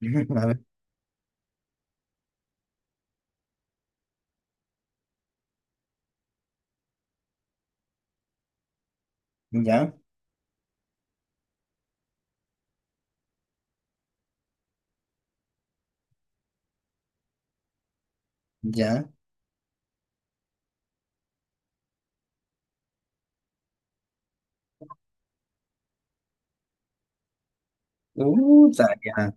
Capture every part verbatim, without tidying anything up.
A ver, ya, ya. Uh, ya.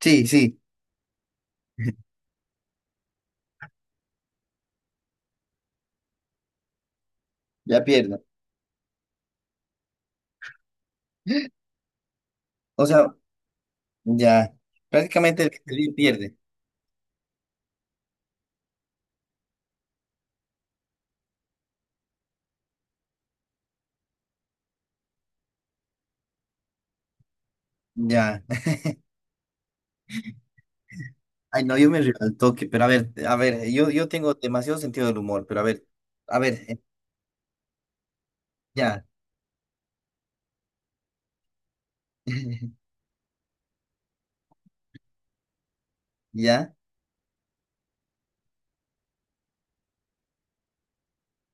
Sí, sí, ya pierdo. O sea, ya. Prácticamente el que pierde, pierde. Ya. Ay, no, yo me río al toque, pero a ver, a ver, yo, yo tengo demasiado sentido del humor, pero a ver, a ver, eh, ya. Ya.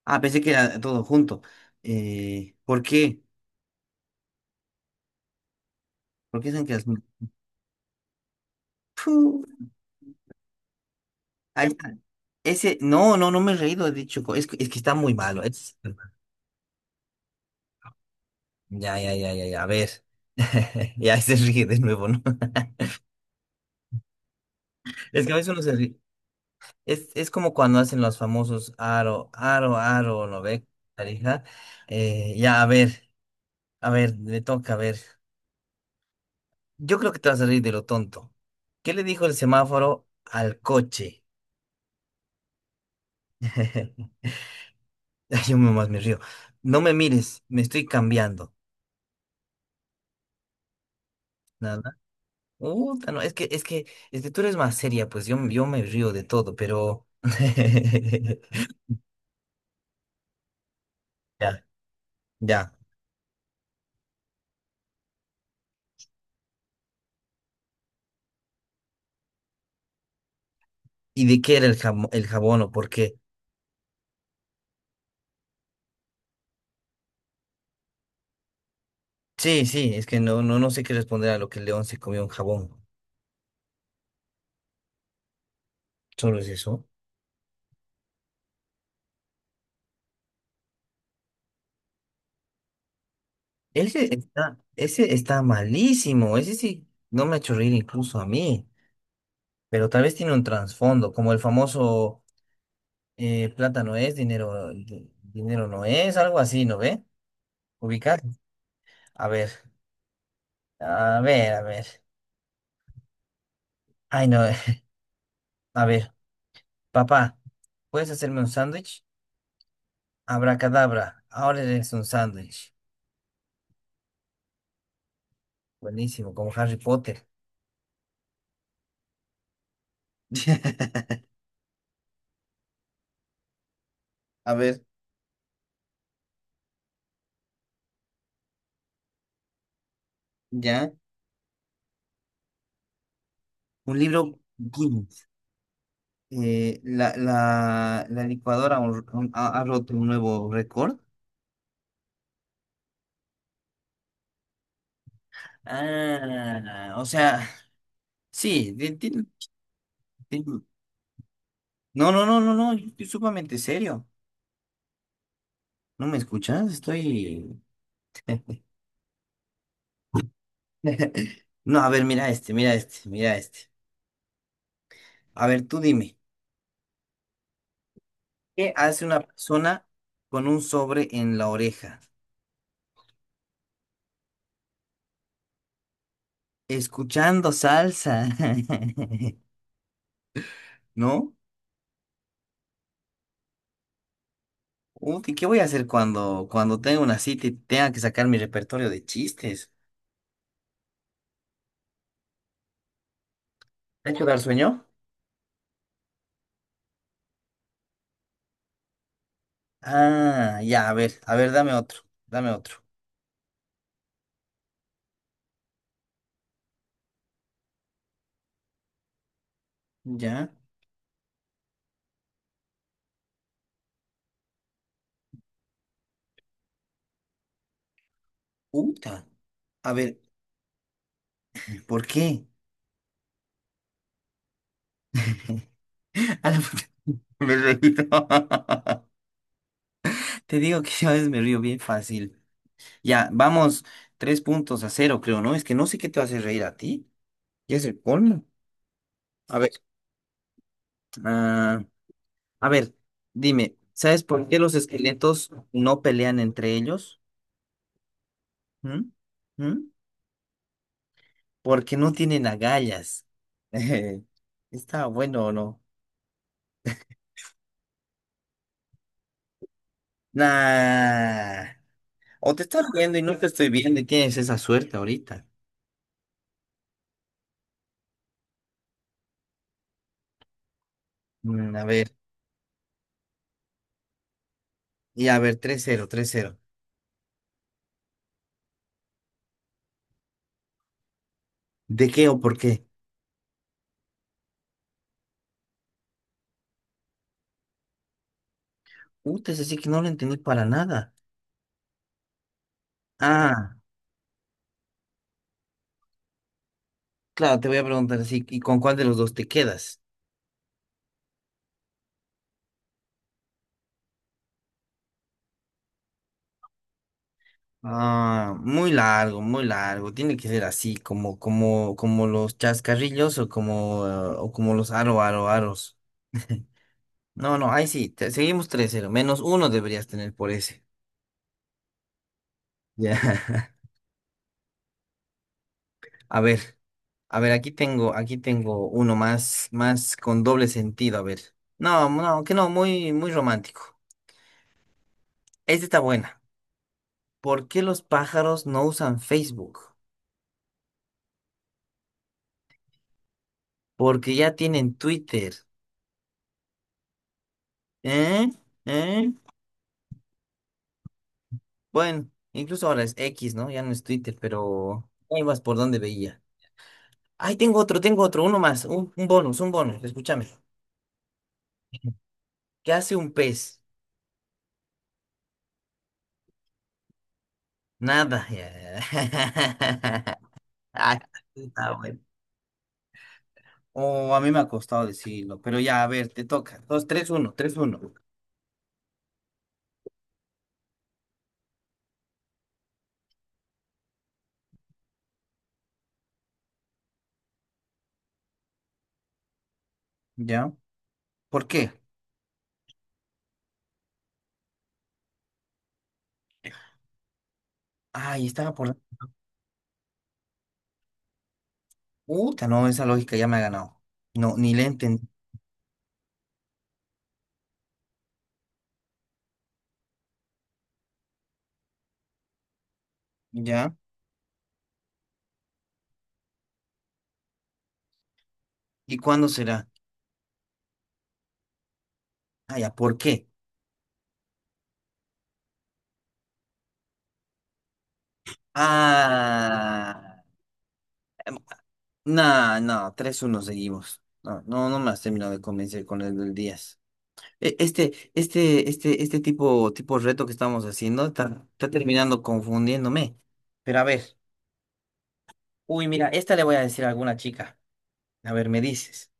Ah, pensé que era todo junto. Eh, ¿por qué? ¿Por qué dicen que las... Puh, ahí está. Ese, no, no, no me he reído, he dicho, co- es, que- es que está muy malo. Es... Ya, ya, ya, ya, ya. A ver. Ya se ríe de nuevo, ¿no? Es que a veces uno se ríe. Es, es como cuando hacen los famosos aro, aro, aro, ¿no ve? Tarija. Eh, ya, a ver, a ver, le toca, a ver. Yo creo que te vas a reír de lo tonto. ¿Qué le dijo el semáforo al coche? Ay, yo más me río. No me mires, me estoy cambiando. Nada. Uta, no, es que, es que, es que tú eres más seria, pues yo, yo me río de todo, pero. Ya, ya. ¿Y de qué era el jamo- el jabón o por qué? Sí, sí, es que no, no, no sé qué responder a lo que el león se comió un jabón. Solo es eso. Ese está, ese está malísimo. Ese sí, no me ha hecho reír incluso a mí. Pero tal vez tiene un trasfondo, como el famoso eh, plata no es, dinero, di- dinero no es, algo así, ¿no ve? Ubicar. A ver, a ver, a ver. Ay, no, a ver, papá, ¿puedes hacerme un sándwich? Abracadabra, ahora eres un sándwich. Buenísimo, como Harry Potter. A ver, ya. Un libro Guinness. Eh, la, la, la licuadora hon- hon- ha, ha roto un nuevo récord. Ah, o sea, sí. de- de- de- No, no, no, no, no. Yo estoy sumamente serio. ¿No me escuchas? Estoy. No, a ver, mira este, mira este, mira este. A ver, tú dime. ¿Qué hace una persona con un sobre en la oreja? Escuchando salsa. ¿No? Uh, ¿qué, qué voy a hacer cuando, cuando tenga una cita y tenga que sacar mi repertorio de chistes? ¿Te ha quedado sueño? Ah, ya, a ver, a ver, dame otro, dame otro. Ya. Uta. A ver, ¿por qué? A la puta, me he reído. Te digo que yo a veces me río bien fácil. Ya, vamos, tres puntos a cero, creo, ¿no? Es que no sé qué te hace reír a ti. Ya es el colmo. A ver, ah, a ver, dime, ¿sabes por qué los esqueletos no pelean entre ellos? ¿Mm? ¿Mm? Porque no tienen agallas. ¿Está bueno o no? Nah. O te estás viendo y no te estoy viendo y tienes esa suerte ahorita. Mm, a ver. Y a ver, tres cero, tres cero. ¿De qué o por qué? Puta, es así que no lo entendí para nada. Ah, claro, te voy a preguntar así. ¿Y con cuál de los dos te quedas? Ah, muy largo, muy largo. Tiene que ser así, como, como, como los chascarrillos o como, eh, o como los aro, aro, aros. No, no, ahí sí, te- seguimos tres cero, menos uno deberías tener por ese. Ya. A ver, a ver, aquí tengo, aquí tengo uno más, más con doble sentido. A ver. No, no, que no, muy, muy romántico. Esta está buena. ¿Por qué los pájaros no usan Facebook? Porque ya tienen Twitter. ¿Eh? ¿Eh? Bueno, incluso ahora es X, ¿no? Ya no es Twitter, pero ahí vas por donde veía. Ay, tengo otro, tengo otro, uno más, un, un bonus, un bonus, escúchame. ¿Qué hace un pez? Nada. Ya. Ay, está bueno. O a mí me ha costado decirlo, pero ya, a ver, te toca. Dos, tres, uno, tres, uno. ¿Ya? ¿Por qué? Ay, estaba por... Puta, no, esa lógica ya me ha ganado. No, ni le entendí. ¿Ya? ¿Y cuándo será? Ah, ya, ¿por qué? Ah, no, no, tres, uno seguimos. No, no, no me has terminado de convencer con el del diez. E- Este, este, este, este tipo, tipo reto que estamos haciendo está, está terminando confundiéndome. Pero a ver, uy, mira, esta le voy a decir a alguna chica. A ver, me dices,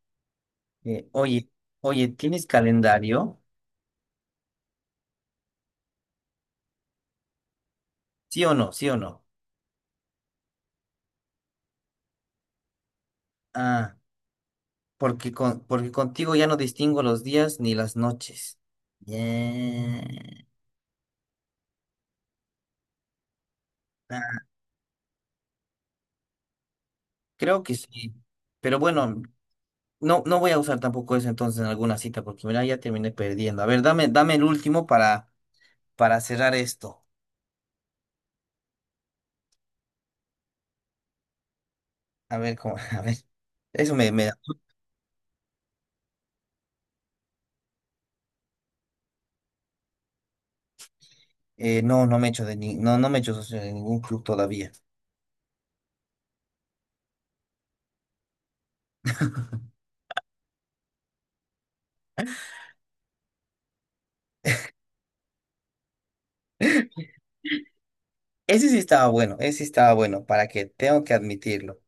eh, oye, oye, ¿tienes calendario? ¿Sí o no? ¿Sí o no? Ah, porque con, porque contigo ya no distingo los días ni las noches. Yeah. Ah, creo que sí. Pero bueno, no, no voy a usar tampoco eso entonces en alguna cita, porque mira, ya terminé perdiendo. A ver, dame, dame el último para, para cerrar esto. A ver, cómo, a ver. Eso me, me da. Eh, no, no me he hecho de ni- no, no me he hecho socio de ningún club todavía. Ese sí estaba bueno, ese sí estaba bueno, para que tengo que admitirlo.